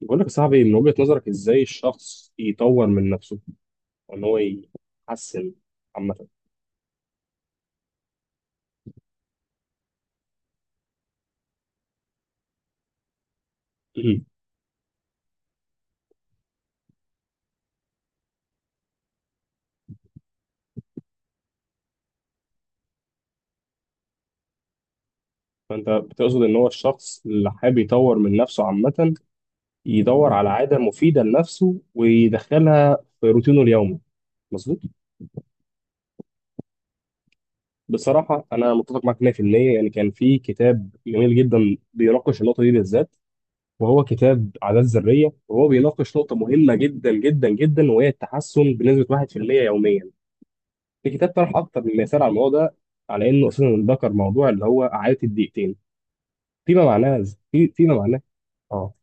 بقول لك يا صاحبي، من وجهة نظرك ازاي الشخص يطور من نفسه وان هو يحسن عامة؟ مم. فانت بتقصد ان هو الشخص اللي حابب يطور من نفسه عامة يدور على عادة مفيدة لنفسه ويدخلها في روتينه اليومي. مظبوط. بصراحة انا متفق معاك 100%، يعني كان في كتاب جميل جدا بيناقش النقطة دي بالذات، وهو كتاب عادات ذرية، وهو بيناقش نقطة مهمة جدا جدا جدا وهي التحسن بنسبة 1% يوميا. في كتاب طرح اكتر من مثال على الموضوع ده، على انه اساسا ذكر موضوع اللي هو عاده الدقيقتين فيما معناه. فيما معناه، اه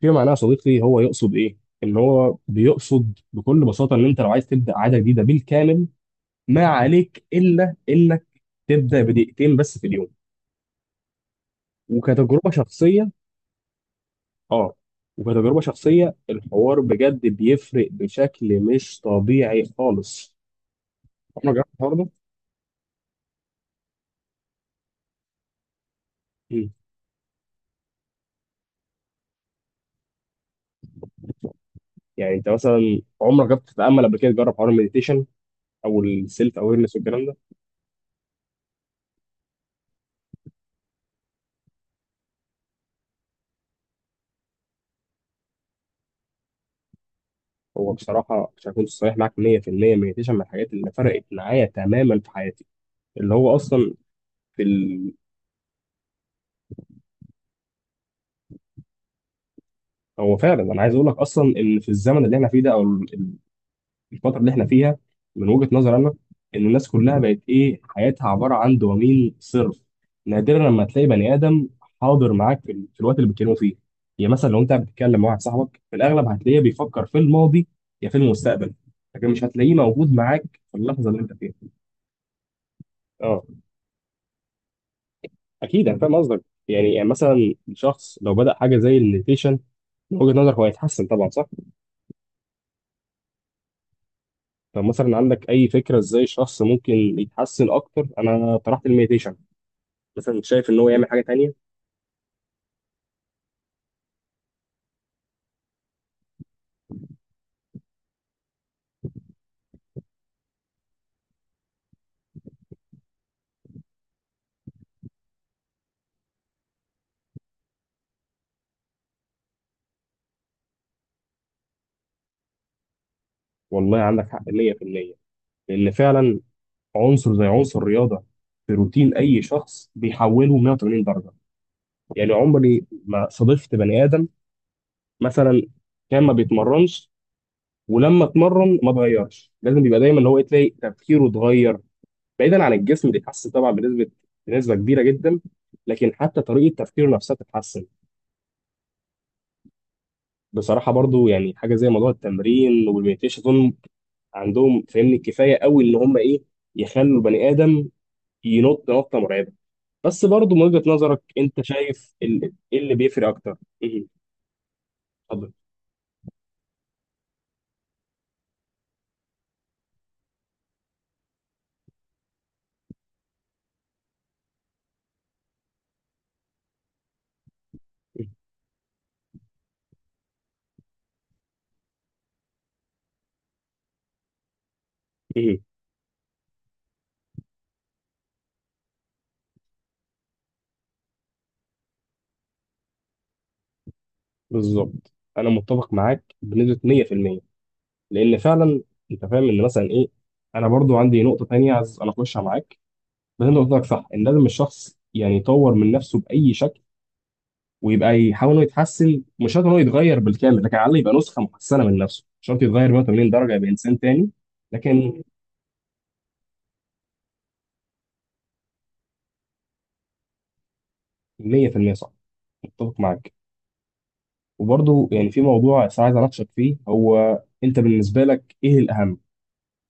فيما معناه يا صديقي، هو يقصد ايه؟ ان هو بيقصد بكل بساطه ان انت لو عايز تبدا عاده جديده بالكامل، ما عليك الا انك تبدا بدقيقتين بس في اليوم. وكتجربه شخصيه، اه وكتجربه شخصيه، الحوار بجد بيفرق بشكل مش طبيعي خالص. عمرك جربت الحوار ده؟ مم. يعني انت مثلا عمرك جربت تتامل قبل كده، تجرب حوار المديتيشن او السيلف اويرنس والكلام ده؟ هو بصراحه عشان اكون صريح معاك 100%، مديتيشن من الحاجات اللي فرقت معايا تماما في حياتي. اللي هو اصلا في ال... هو فعلا انا عايز اقول لك اصلا ان في الزمن اللي احنا فيه ده، او الفتره اللي احنا فيها، من وجهه نظري انا، ان الناس كلها بقت ايه، حياتها عباره عن دوبامين صرف. نادرا لما تلاقي بني ادم حاضر معاك في في الوقت اللي بتتكلموا فيه. يعني مثلا لو انت بتتكلم مع واحد صاحبك، في الاغلب هتلاقيه بيفكر في الماضي يا في المستقبل، لكن مش هتلاقيه موجود معاك في اللحظه اللي انت فيها. اه، اكيد انا فاهم قصدك. يعني مثلا شخص لو بدأ حاجه زي المديتيشن، من وجهة نظرك هو هيتحسن طبعا، صح؟ طب مثلا عندك اي فكره ازاي الشخص ممكن يتحسن اكتر؟ انا طرحت المديتيشن، مثلا شايف ان هو يعمل حاجه تانية؟ والله عندك حق 100%، لان فعلا عنصر زي عنصر الرياضه في روتين اي شخص بيحوله 180 درجه. يعني عمري ما صادفت بني ادم مثلا كان ما بيتمرنش ولما اتمرن ما اتغيرش. لازم بيبقى دايما اللي هو إيه، تلاقي تفكيره اتغير، بعيدا عن الجسم بيتحسن طبعا بنسبه كبيره جدا، لكن حتى طريقه تفكيره نفسها بتتحسن. بصراحه برضو يعني حاجه زي موضوع التمرين والمديتيشن اظن عندهم فاهمني كفايه قوي ان هم ايه، يخلوا البني ادم ينط نطه مرعبه. بس برضو من وجهه نظرك، انت شايف ايه اللي بيفرق اكتر؟ ايه؟ اتفضل. ايه؟ بالظبط، انا متفق معاك بنسبه 100%، لان فعلا انت فاهم ان مثلا ايه، انا برضو عندي نقطه تانية عايز انا اخشها معاك. ما انت قصدك صح ان لازم الشخص يعني يطور من نفسه باي شكل، ويبقى يحاول انه يتحسن. مش شرط انه يتغير بالكامل، لكن على الاقل يبقى نسخه محسنه من نفسه، مش شرط يتغير 180 درجه يبقى انسان تاني. لكن 100% صح، متفق معاك. وبرضه يعني في موضوع بس عايز اناقشك فيه، هو انت بالنسبه لك ايه الاهم،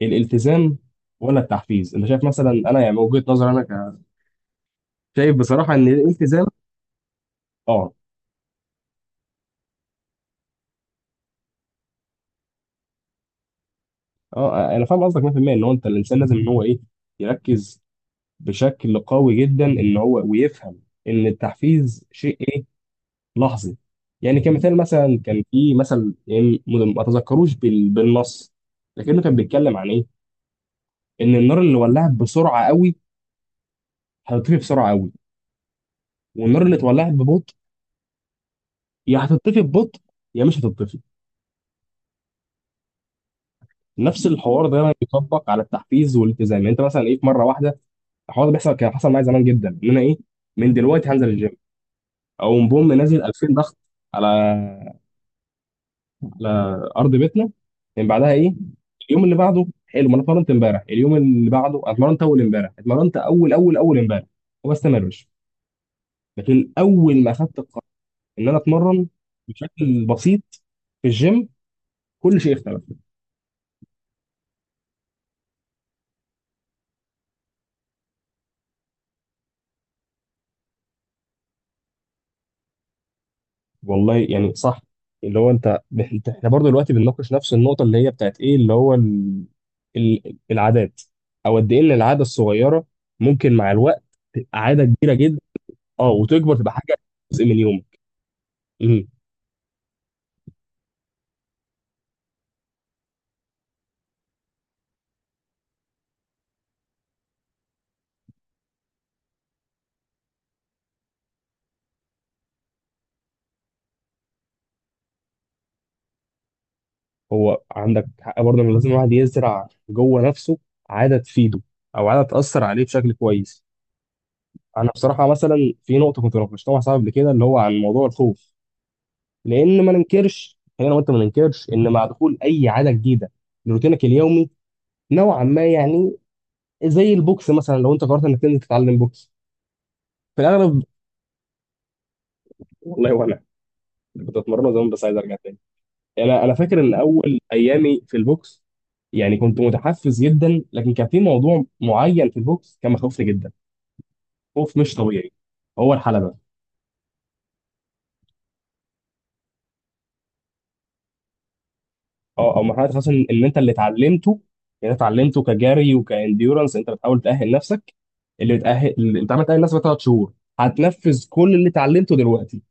الالتزام ولا التحفيز؟ انت شايف مثلا، انا يعني من وجهه نظري انا، شايف بصراحه ان الالتزام. اه، اه، انا فاهم قصدك 100%، ان هو انت الانسان لازم ان هو ايه، يركز بشكل قوي جدا، اللي هو ويفهم ان التحفيز شيء ايه، لحظي. يعني كمثال، مثلا كان في مثل يعني، ما تذكروش بالنص، لكنه كان بيتكلم عن ايه، ان النار اللي ولعت بسرعه قوي هتطفي بسرعه قوي، والنار اللي اتولعت ببطء يا هتطفي ببطء، يا مش هتطفي. نفس الحوار ده بيطبق على التحفيز والالتزام. يعني انت مثلا ايه، في مره واحده الحوار ده بيحصل. كان حصل معايا زمان جدا، ان انا ايه، من دلوقتي هنزل الجيم، او بوم نازل 2000 ضغط على ارض بيتنا. من بعدها ايه، اليوم اللي بعده حلو ما انا اتمرنت امبارح، اليوم اللي بعده أنا اتمرنت اول امبارح، اتمرنت اول اول اول امبارح، وما استمرش. لكن اول ما اخدت القرار ان انا اتمرن بشكل بسيط في الجيم، كل شيء اختلف. والله يعني صح. اللي هو احنا برضه دلوقتي بنناقش نفس النقطه اللي هي بتاعت ايه، اللي هو العادات. او قد ايه ان العاده الصغيره ممكن مع الوقت تبقى عاده كبيره جدا. اه، وتكبر تبقى حاجه، جزء من يومك. هو عندك حق برضه ان لازم الواحد يزرع جوه نفسه عاده تفيده، او عاده تاثر عليه بشكل كويس. انا بصراحه مثلا في نقطه كنت ناقشتها مع صاحبي قبل كده، اللي هو عن موضوع الخوف. لان ما ننكرش، خلينا، وانت ما ننكرش ان مع دخول اي عاده جديده لروتينك اليومي، نوعا ما يعني زي البوكس مثلا. لو انت قررت انك تنزل تتعلم بوكس، في الاغلب، والله وانا كنت اتمرن زمان بس عايز ارجع تاني. انا فاكر ان اول ايامي في البوكس يعني كنت متحفز جدا، لكن كان في موضوع معين في البوكس كان مخوفني جدا، خوف مش طبيعي. هو الحلبه. اه. او مرحله خاصه ان انت اللي اتعلمته، يعني اتعلمته كجري وكانديورنس، انت بتحاول تاهل نفسك. اللي بتاهل، اللي انت عمال تاهل نفسك ثلاث شهور، هتنفذ كل اللي اتعلمته دلوقتي.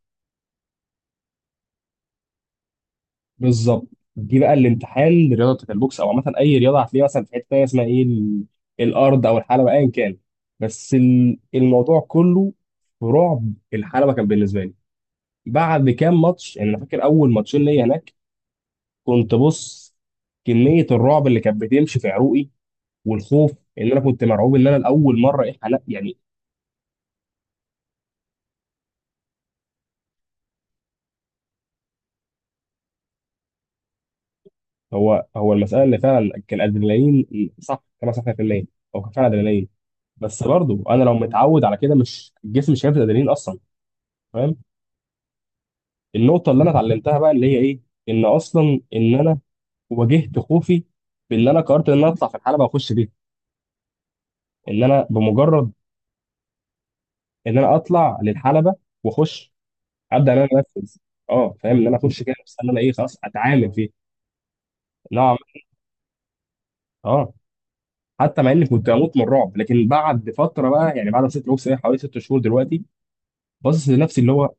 بالظبط. دي بقى الانتحال لرياضه البوكس، او عامه اي رياضه هتلاقيها مثلا، في حته تانيه اسمها ايه، الارض او الحلبه، ايا كان. بس الموضوع كله في رعب الحلبه، كان بالنسبه لي بعد كام ماتش. يعني انا فاكر اول ماتشين ليا هناك، كنت بص كميه الرعب اللي كانت بتمشي في عروقي والخوف، ان انا كنت مرعوب ان انا لاول مره، ايه، حلق يعني. هو المساله اللي فعلا كان ادرينالين، صح، كما صح في الليل. هو كان فعلا ادرينالين، بس برضو انا لو متعود على كده، مش جسمي مش هيفرز ادرينالين اصلا. فاهم. النقطه اللي انا اتعلمتها بقى اللي هي ايه، ان اصلا ان انا واجهت خوفي، بان انا قررت ان انا اطلع في الحلبه واخش بيها. ان انا بمجرد ان انا اطلع للحلبه واخش، ابدا ان انا انفذ. اه، فاهم، ان انا اخش كده، بس ان انا ايه، خلاص اتعامل فيه. نوعا ما. اه. حتى مع اني كنت هموت من الرعب، لكن بعد فتره بقى يعني، بعد ست بوكس ايه، حوالي ست شهور دلوقتي، باصص لنفسي اللي هو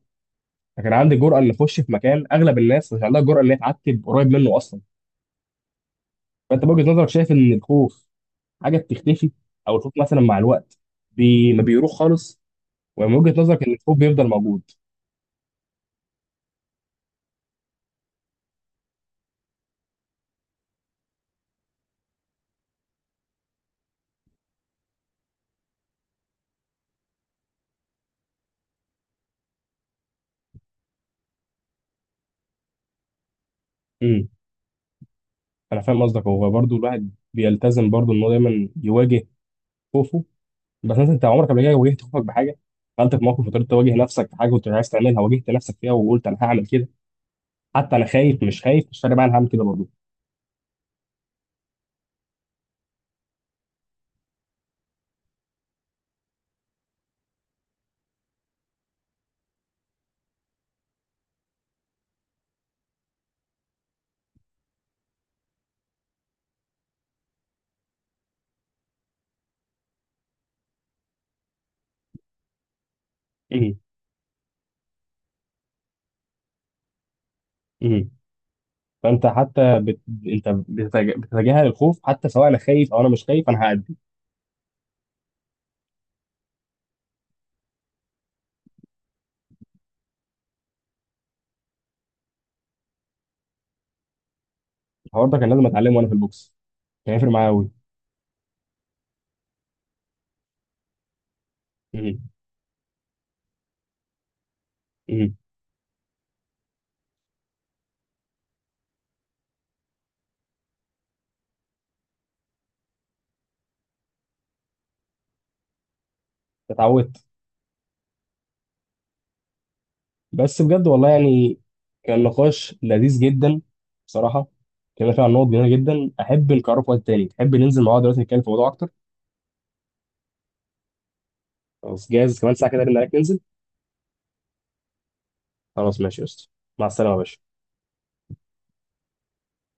كان عندي جرأة اللي اخش في مكان اغلب الناس مش عندها جرأة اللي هي تعتب قريب منه اصلا. فانت بوجهة نظرك شايف ان الخوف حاجة بتختفي؟ او الخوف مثلا مع الوقت ما بيروح خالص؟ ومن وجهة نظرك ان الخوف بيفضل موجود؟ امم انا فاهم قصدك. هو برضه الواحد بيلتزم برضه ان هو دايما يواجه خوفه. بس مثلا انت عمرك قبل كده واجهت خوفك بحاجة، دخلت في موقف وقدرت تواجه نفسك في حاجة كنت مش عايز تعملها، واجهت نفسك فيها وقلت انا هعمل كده حتى انا خايف، مش خايف مش فارق معايا، انا هعمل كده برضه؟ امم فانت حتى انت بتتجاهل الخوف حتى، سواء انا خايف او انا مش خايف، انا هأدي. الحوار ده كان لازم اتعلمه وانا في البوكس، كان هيفرق معايا قوي. مم. مم. اتعودت. بس بجد والله يعني كان نقاش لذيذ جدا بصراحه. كنا فيه عن نقط جميله جدا، احب نكرره في وقت تاني. تحب ننزل مع بعض دلوقتي نتكلم في موضوع اكتر؟ خلاص، جاهز كمان ساعه كده ارن عليك ننزل. خلاص، ماشي يا اسطى. مع السلامه يا باشا.